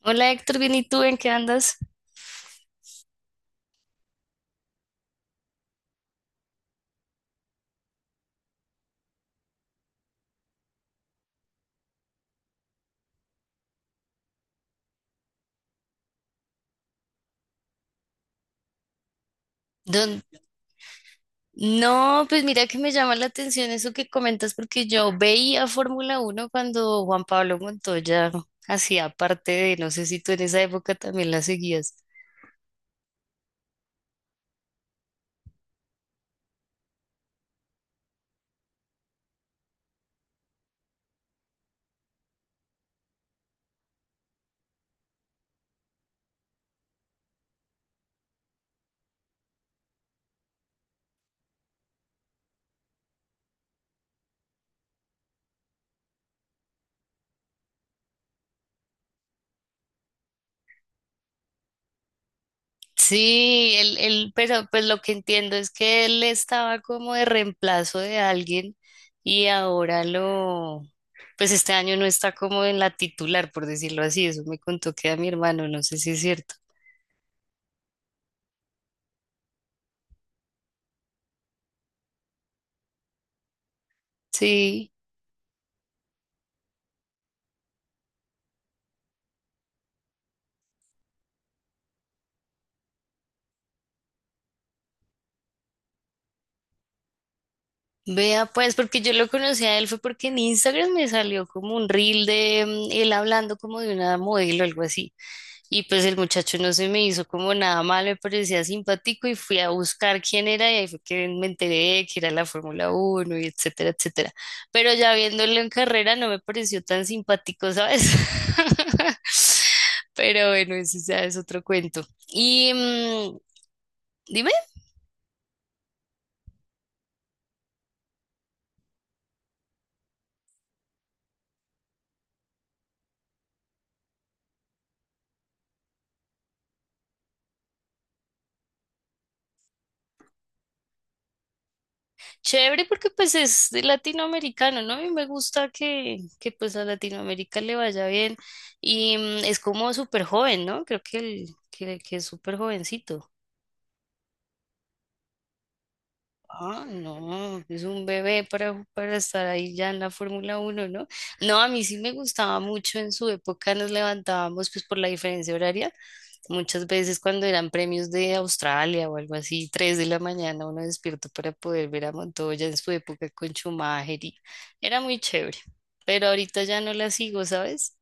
Hola Héctor, bien, ¿y tú en qué andas? Don- No, pues mira que me llama la atención eso que comentas porque yo veía Fórmula Uno cuando Juan Pablo Montoya hacía parte de, no sé si tú en esa época también la seguías. Sí, él, pero pues lo que entiendo es que él estaba como de reemplazo de alguien y ahora lo, pues este año no está como en la titular, por decirlo así, eso me contó que a mi hermano, no sé si es cierto. Sí. Vea, pues, porque yo lo conocí a él fue porque en Instagram me salió como un reel de él hablando como de una modelo o algo así. Y pues el muchacho no se me hizo como nada mal, me parecía simpático y fui a buscar quién era y ahí fue que me enteré que era la Fórmula Uno y etcétera, etcétera. Pero ya viéndolo en carrera no me pareció tan simpático, ¿sabes? Pero bueno, ese ya es otro cuento. Y dime. Chévere porque pues es de latinoamericano, ¿no? Y me gusta que pues a Latinoamérica le vaya bien. Y es como súper joven, ¿no? Creo que es súper jovencito. Ah, no, es un bebé para estar ahí ya en la Fórmula uno, ¿no? No, a mí sí me gustaba mucho en su época, nos levantábamos pues por la diferencia horaria, muchas veces cuando eran premios de Australia o algo así, 3 de la mañana uno despierto para poder ver a Montoya en su época con Schumacher, y era muy chévere, pero ahorita ya no la sigo, ¿sabes?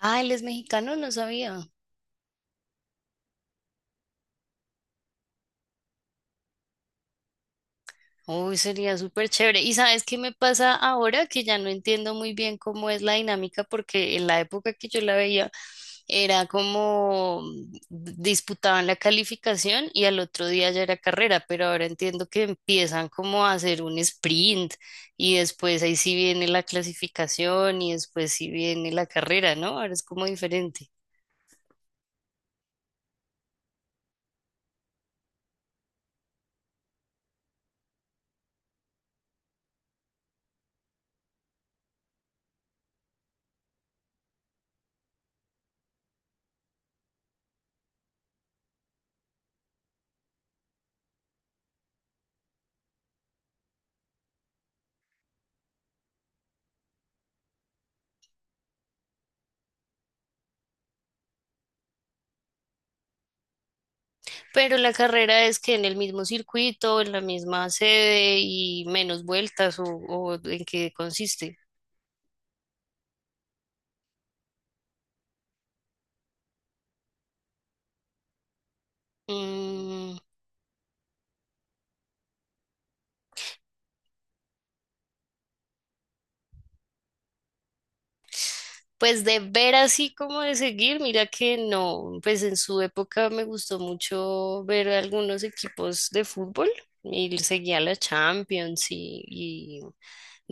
Ah, él es mexicano, no sabía. Uy, sería súper chévere. ¿Y sabes qué me pasa ahora? Que ya no entiendo muy bien cómo es la dinámica, porque en la época que yo la veía era como disputaban la calificación y al otro día ya era carrera, pero ahora entiendo que empiezan como a hacer un sprint y después ahí sí viene la clasificación y después sí viene la carrera, ¿no? Ahora es como diferente. Pero la carrera es que en el mismo circuito, en la misma sede y menos vueltas, o en qué consiste. Mm, Pues de ver así como de seguir, mira que no, pues en su época me gustó mucho ver algunos equipos de fútbol y seguía la Champions y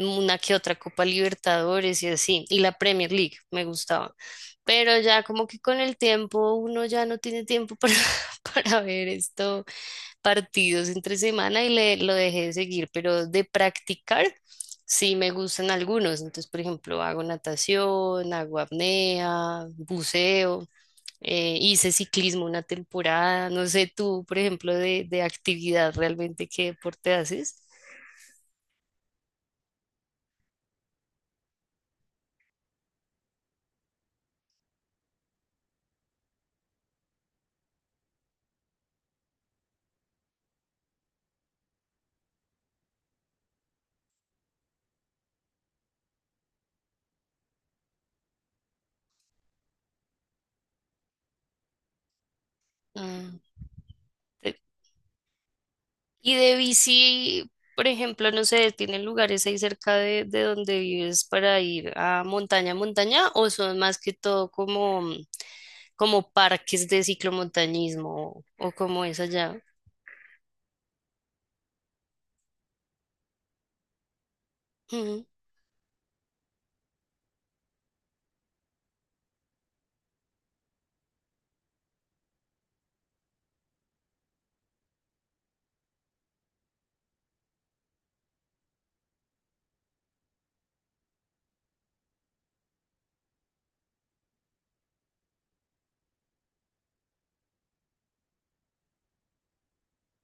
una que otra Copa Libertadores y así, y la Premier League me gustaba, pero ya como que con el tiempo uno ya no tiene tiempo para, para ver esto partidos entre semana y lo dejé de seguir, pero de practicar sí me gustan algunos. Entonces, por ejemplo, hago natación, hago apnea, buceo, hice ciclismo una temporada. No sé tú, por ejemplo, de actividad realmente, ¿qué deporte haces? Ah, eh, y de bici, por ejemplo, no sé, ¿tienen lugares ahí cerca de donde vives para ir a montaña, montaña, o son más que todo como parques de ciclomontañismo, o como es allá? Ujú,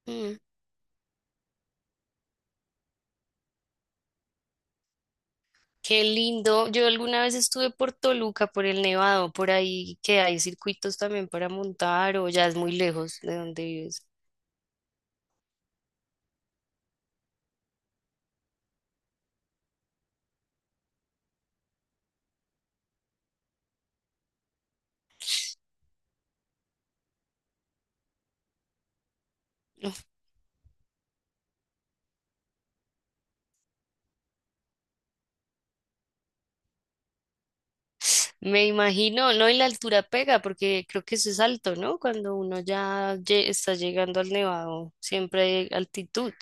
ujú. ¡Qué lindo! Yo alguna vez estuve por Toluca, por el Nevado, por ahí que hay circuitos también para montar, ¿o ya es muy lejos de donde vives? Me imagino, no, y la altura pega porque creo que eso es alto, ¿no? Cuando uno ya está llegando al Nevado, siempre hay altitud.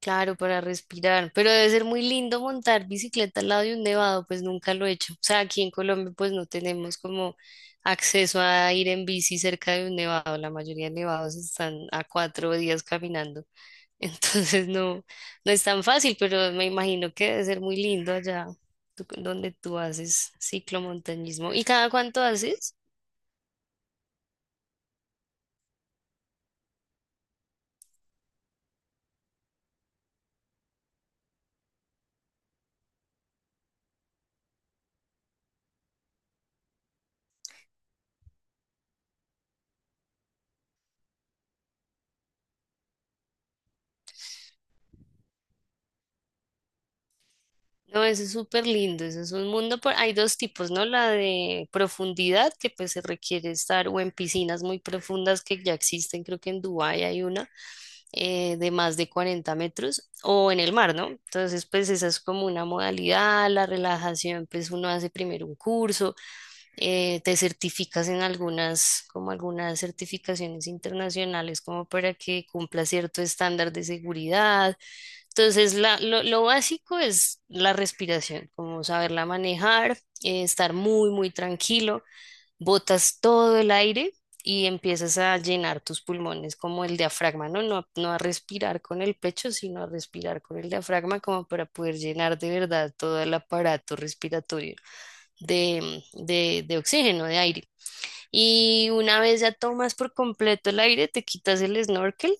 Claro, para respirar, pero debe ser muy lindo montar bicicleta al lado de un nevado, pues nunca lo he hecho. O sea, aquí en Colombia pues no tenemos como acceso a ir en bici cerca de un nevado, la mayoría de nevados están a 4 días caminando, entonces no, no es tan fácil, pero me imagino que debe ser muy lindo allá donde tú haces ciclomontañismo. ¿Y cada cuánto haces? No, eso es súper lindo, eso es un mundo, hay dos tipos, ¿no? La de profundidad, que pues se requiere estar o en piscinas muy profundas que ya existen, creo que en Dubái hay una, de más de 40 metros, o en el mar, ¿no? Entonces, pues esa es como una modalidad. La relajación, pues uno hace primero un curso, te certificas en algunas, como algunas certificaciones internacionales, como para que cumpla cierto estándar de seguridad. Entonces, lo básico es la respiración, como saberla manejar, estar muy, muy tranquilo, botas todo el aire y empiezas a llenar tus pulmones como el diafragma, ¿no? No, no a respirar con el pecho, sino a respirar con el diafragma, como para poder llenar de verdad todo el aparato respiratorio de oxígeno, de aire. Y una vez ya tomas por completo el aire, te quitas el snorkel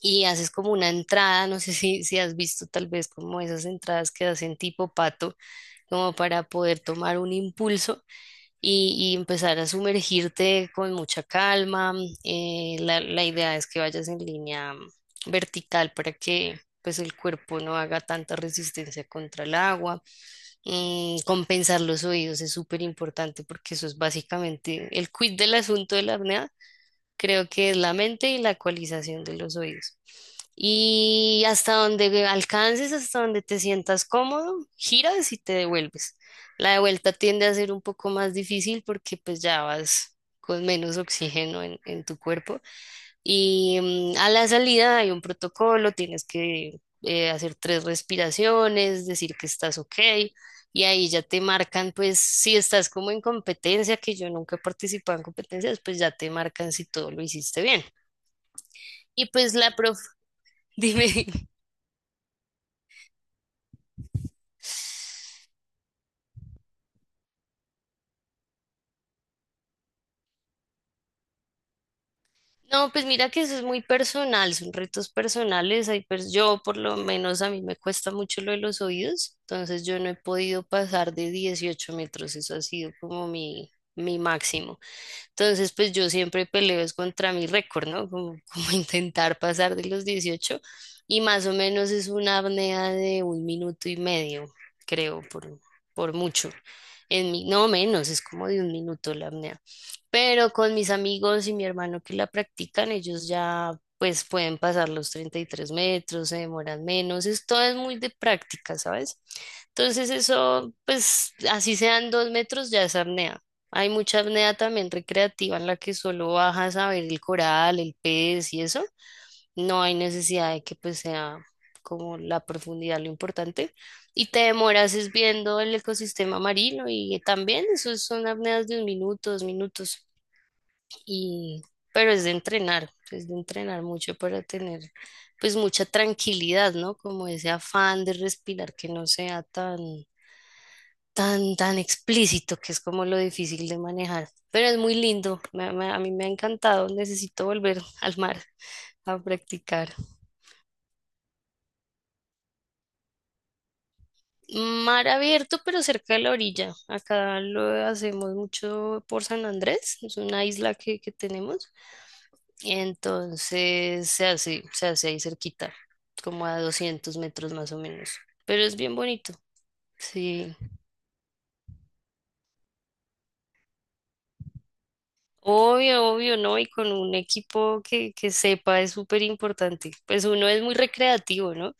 y haces como una entrada, no sé si has visto tal vez como esas entradas que hacen tipo pato, como para poder tomar un impulso y empezar a sumergirte con mucha calma. La idea es que vayas en línea vertical, para que pues el cuerpo no haga tanta resistencia contra el agua. Compensar los oídos es súper importante, porque eso es básicamente el quid del asunto de la apnea. Creo que es la mente y la ecualización de los oídos. Y hasta donde alcances, hasta donde te sientas cómodo, giras y te devuelves. La de vuelta tiende a ser un poco más difícil, porque pues ya vas con menos oxígeno en tu cuerpo, y a la salida hay un protocolo: tienes que hacer tres respiraciones, decir que estás ok, y ahí ya te marcan, pues si estás como en competencia, que yo nunca he participado en competencias, pues ya te marcan si todo lo hiciste bien. Y pues dime. No, pues mira que eso es muy personal, son retos personales, yo por lo menos a mí me cuesta mucho lo de los oídos, entonces yo no he podido pasar de 18 metros, eso ha sido como mi máximo. Entonces, pues yo siempre peleo es contra mi récord, ¿no? Como, como intentar pasar de los 18, y más o menos es una apnea de un minuto y medio, creo, por mucho. En mi, no menos, es como de un minuto la apnea. Pero con mis amigos y mi hermano que la practican, ellos ya pues pueden pasar los 33 metros, se demoran menos, esto es muy de práctica, ¿sabes? Entonces eso, pues así sean 2 metros, ya es apnea. Hay mucha apnea también recreativa, en la que solo bajas a ver el coral, el pez y eso. No hay necesidad de que pues sea como la profundidad lo importante. Y te demoras es viendo el ecosistema marino, y también eso son apneas de un minuto, 2 minutos, y pero es de entrenar mucho para tener pues mucha tranquilidad, ¿no? Como ese afán de respirar que no sea tan tan tan explícito, que es como lo difícil de manejar, pero es muy lindo, a mí me ha encantado, necesito volver al mar a practicar. Mar abierto, pero cerca de la orilla. Acá lo hacemos mucho por San Andrés, es una isla que tenemos. Entonces se hace ahí cerquita, como a 200 metros más o menos. Pero es bien bonito, sí. Obvio, obvio, ¿no? Y con un equipo que sepa, es súper importante. Pues uno es muy recreativo, ¿no?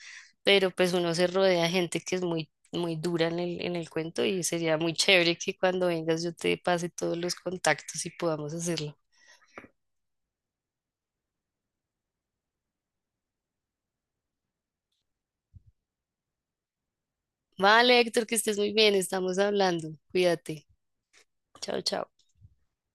Pero pues uno se rodea de gente que es muy, muy dura en el cuento, y sería muy chévere que cuando vengas yo te pase todos los contactos y podamos hacerlo. Vale, Héctor, que estés muy bien, estamos hablando. Cuídate. Chao, chao.